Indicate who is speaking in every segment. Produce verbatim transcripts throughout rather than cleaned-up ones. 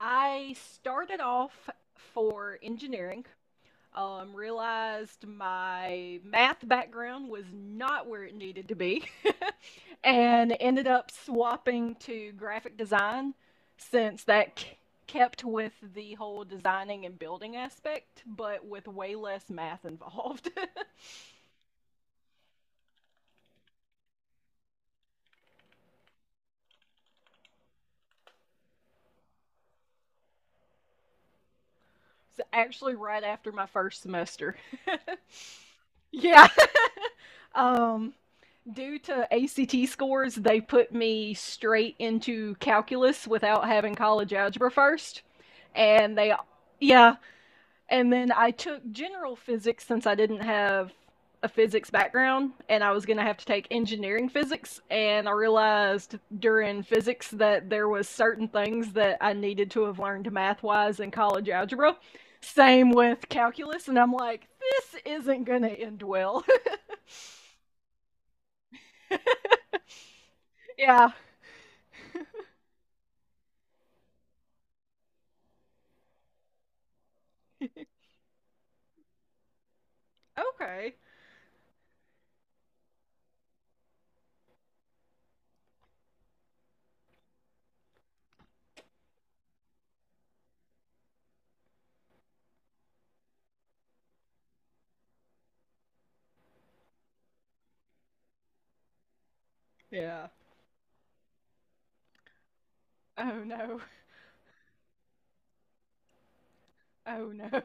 Speaker 1: I started off for engineering. Um, realized my math background was not where it needed to be, and ended up swapping to graphic design since that kept with the whole designing and building aspect, but with way less math involved. So actually, right after my first semester. yeah. Um, Due to A C T scores, they put me straight into calculus without having college algebra first. And they, yeah. And then I took general physics since I didn't have a physics background and I was going to have to take engineering physics. And I realized during physics that there was certain things that I needed to have learned math wise in college algebra. Same with calculus. And I'm like, this isn't going to end well. yeah. Okay. Yeah. Oh no. Oh no.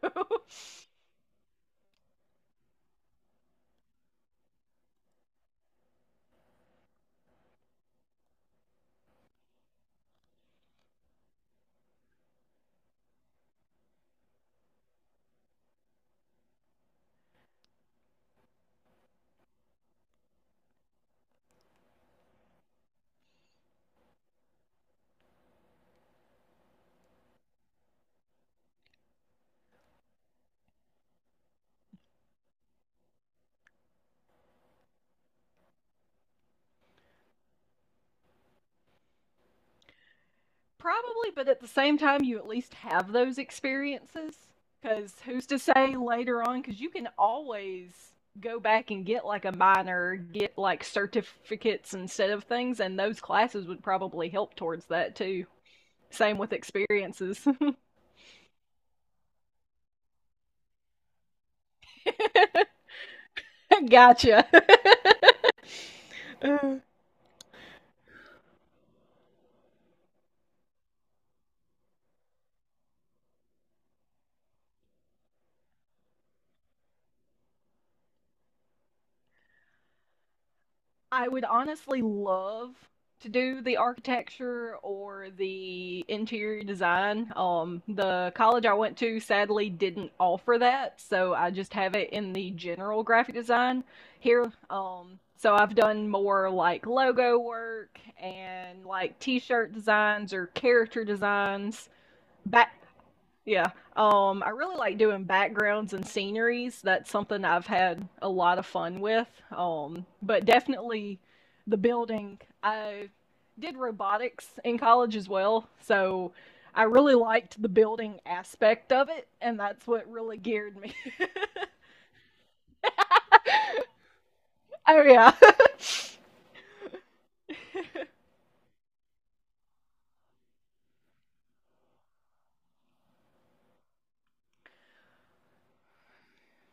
Speaker 1: Probably, but at the same time, you at least have those experiences. Because who's to say later on? Because you can always go back and get like a minor, get like certificates instead of things, and those classes would probably help towards that too. Same with experiences. gotcha. Uh, I would honestly love to do the architecture or the interior design. Um, the college I went to sadly didn't offer that, so I just have it in the general graphic design here. Um, so I've done more like logo work and like t-shirt designs or character designs, back yeah. Um, I really like doing backgrounds and sceneries. That's something I've had a lot of fun with. Um, but definitely the building. I did robotics in college as well. So I really liked the building aspect of it. And that's what really geared me. oh, yeah.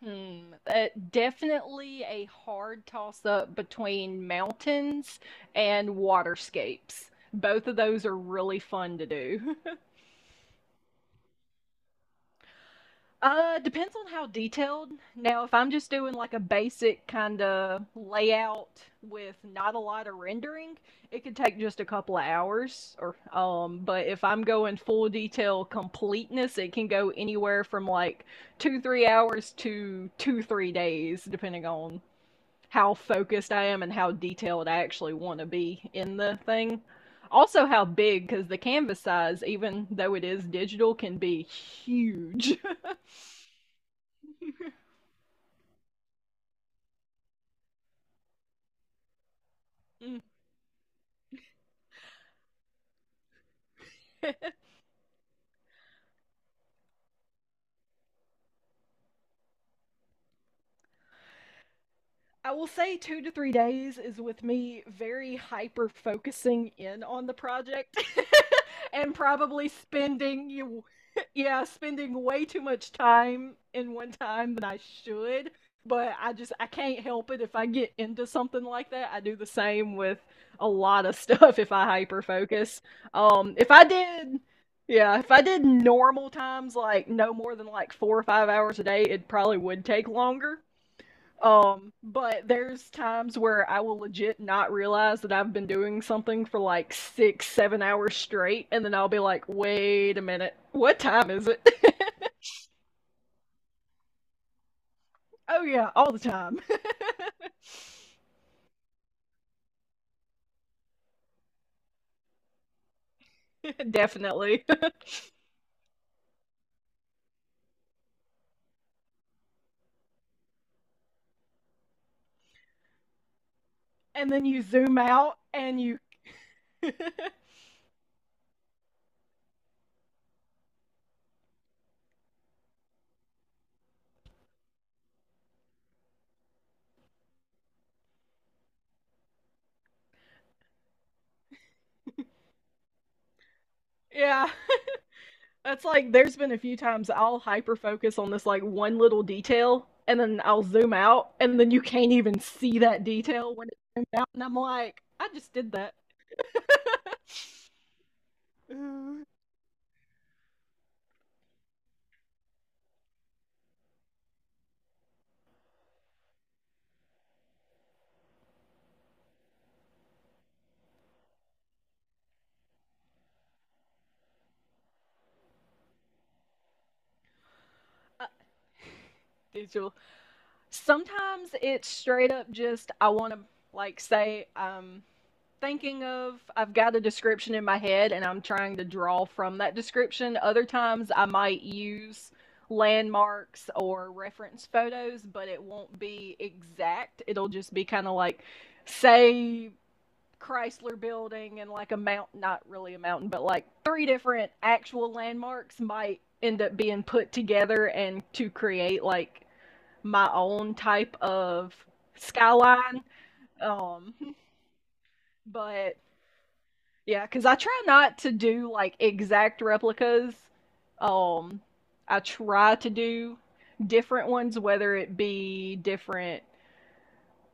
Speaker 1: Hmm. Uh, definitely a hard toss up between mountains and waterscapes. Both of those are really fun to do. Uh, depends on how detailed. Now, if I'm just doing like a basic kind of layout with not a lot of rendering, it could take just a couple of hours. Or um, but if I'm going full detail completeness, it can go anywhere from like two three hours to two three days, depending on how focused I am and how detailed I actually want to be in the thing. Also, how big, because the canvas size, even though it is digital, can be huge. Mm-hmm. I will say two to three days is with me very hyper focusing in on the project, and probably spending you yeah, spending way too much time in one time than I should. But I just I can't help it if I get into something like that. I do the same with a lot of stuff if I hyper focus. Um if I did yeah, if I did normal times like no more than like four or five hours a day, it probably would take longer. Um, but there's times where I will legit not realize that I've been doing something for like six, seven hours straight, and then I'll be like, wait a minute, what time is it? oh, yeah, all the time. Definitely. And then you zoom out and you, yeah, it's like there's been a few times I'll hyper focus on this like one little detail and then I'll zoom out and then you can't even see that detail when it's zoomed out and I'm like, I just did that. Uh, Visual. Sometimes it's straight up just I want to, like, say, um thinking of, I've got a description in my head, and I'm trying to draw from that description. Other times I might use landmarks or reference photos, but it won't be exact. It'll just be kind of like, say, Chrysler building and like a mountain, not really a mountain, but like three different actual landmarks might end up being put together and to create like my own type of skyline. um but yeah, because I try not to do like exact replicas. Um, I try to do different ones, whether it be different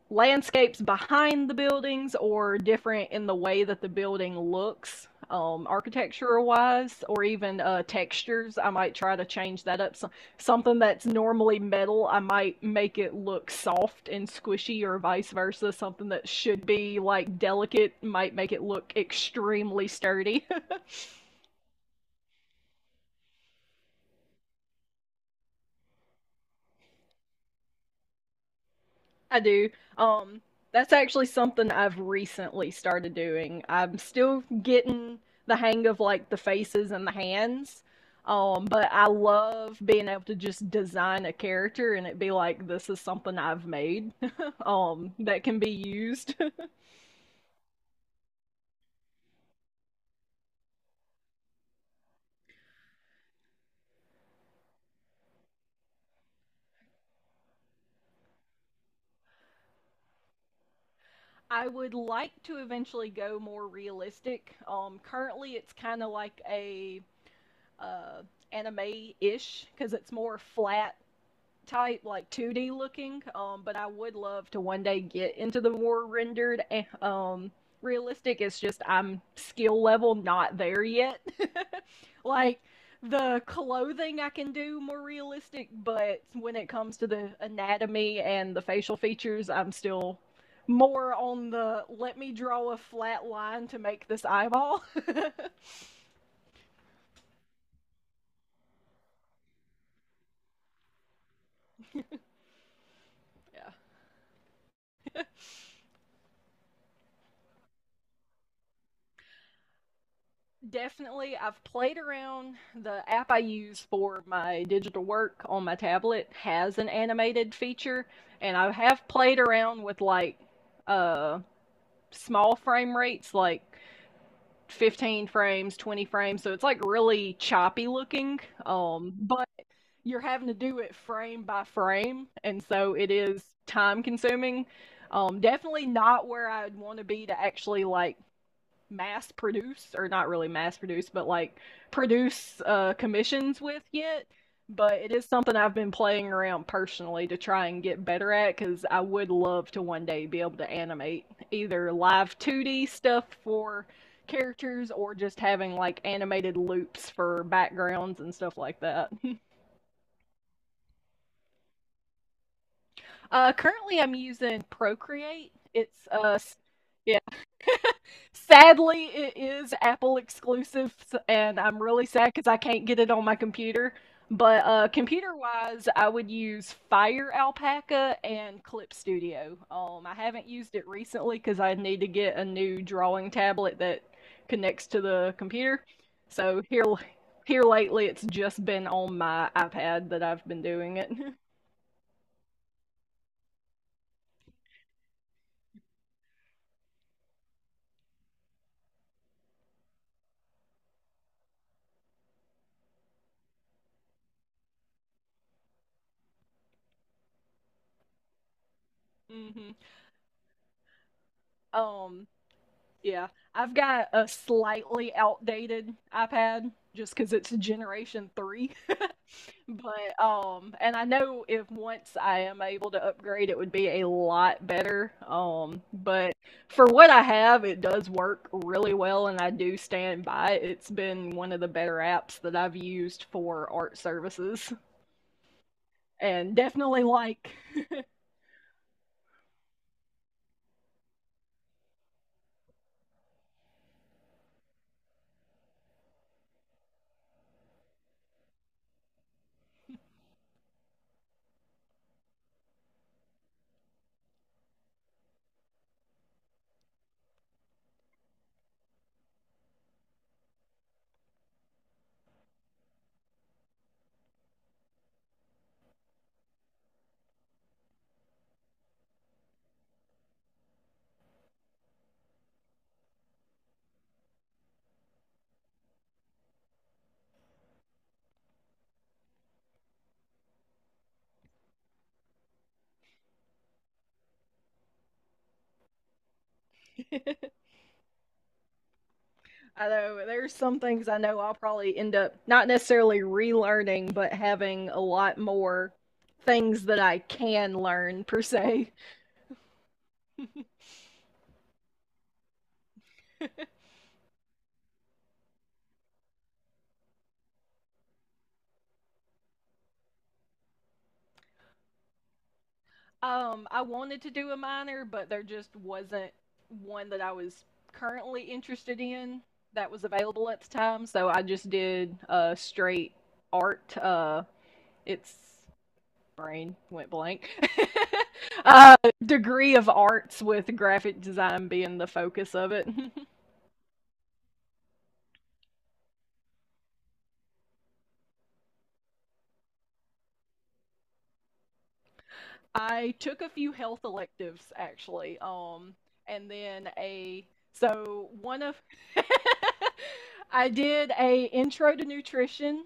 Speaker 1: landscapes behind the buildings or different in the way that the building looks, um, architecture wise, or even uh, textures I might try to change that up. So something that's normally metal I might make it look soft and squishy, or vice versa, something that should be like delicate might make it look extremely sturdy. I do. Um, that's actually something I've recently started doing. I'm still getting the hang of like the faces and the hands. Um, but I love being able to just design a character and it be like this is something I've made, um that can be used. I would like to eventually go more realistic. Um, currently it's kind of like a uh anime-ish because it's more flat type, like two D looking. Um, but I would love to one day get into the more rendered. eh, Um, realistic. It's just I'm skill level not there yet. like the clothing I can do more realistic, but when it comes to the anatomy and the facial features, I'm still more on the let me draw a flat line to make this eyeball. yeah. Definitely. I've played around. The app I use for my digital work on my tablet has an animated feature, and I have played around with like uh small frame rates, like fifteen frames, twenty frames. So it's like really choppy looking. Um, but you're having to do it frame by frame, and so it is time consuming. Um, definitely not where I'd want to be to actually like mass produce, or not really mass produce but like produce uh commissions with yet. But it is something I've been playing around personally to try and get better at, because I would love to one day be able to animate either live two D stuff for characters or just having like animated loops for backgrounds and stuff like that. Uh currently I'm using Procreate. it's uh s- Sadly, it is Apple exclusive, and I'm really sad because I can't get it on my computer. But uh, computer wise, I would use Fire Alpaca and Clip Studio. Um, I haven't used it recently because I need to get a new drawing tablet that connects to the computer. So here, here lately, it's just been on my iPad that I've been doing it. Hmm. Um, Yeah, I've got a slightly outdated iPad just because it's generation three. but um, and I know if once I am able to upgrade, it would be a lot better. Um, but for what I have, it does work really well, and I do stand by it. It's been one of the better apps that I've used for art services, and definitely like although there's some things I know I'll probably end up not necessarily relearning, but having a lot more things that I can learn per se. um, I wanted to do a minor, but there just wasn't one that I was currently interested in that was available at the time, so I just did a uh, straight art. Uh, it's brain went blank. uh, degree of arts with graphic design being the focus of it. I took a few health electives actually, um, and then a so one of I did a intro to nutrition,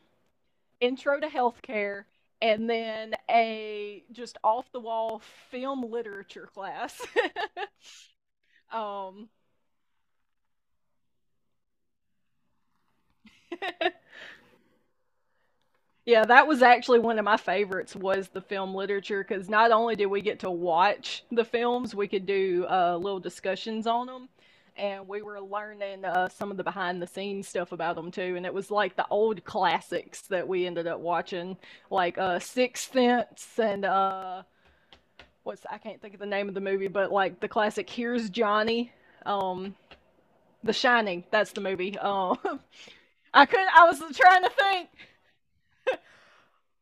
Speaker 1: intro to healthcare, and then a, just off the wall, film literature class. um, Yeah, that was actually one of my favorites was the film literature because not only did we get to watch the films, we could do uh, little discussions on them, and we were learning uh, some of the behind the scenes stuff about them too. And it was like the old classics that we ended up watching, like uh, Sixth Sense and uh, what's I can't think of the name of the movie, but like the classic Here's Johnny, um, The Shining. That's the movie. Um, I could not I was trying to think.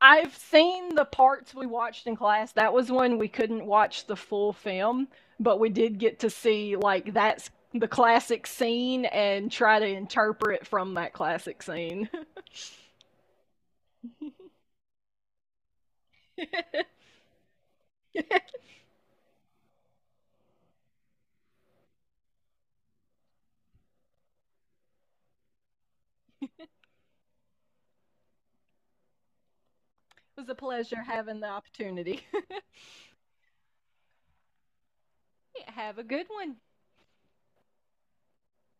Speaker 1: I've seen the parts we watched in class. That was when we couldn't watch the full film, but we did get to see like that's the classic scene and try to interpret from that classic scene. It was a pleasure having the opportunity. Have a good one.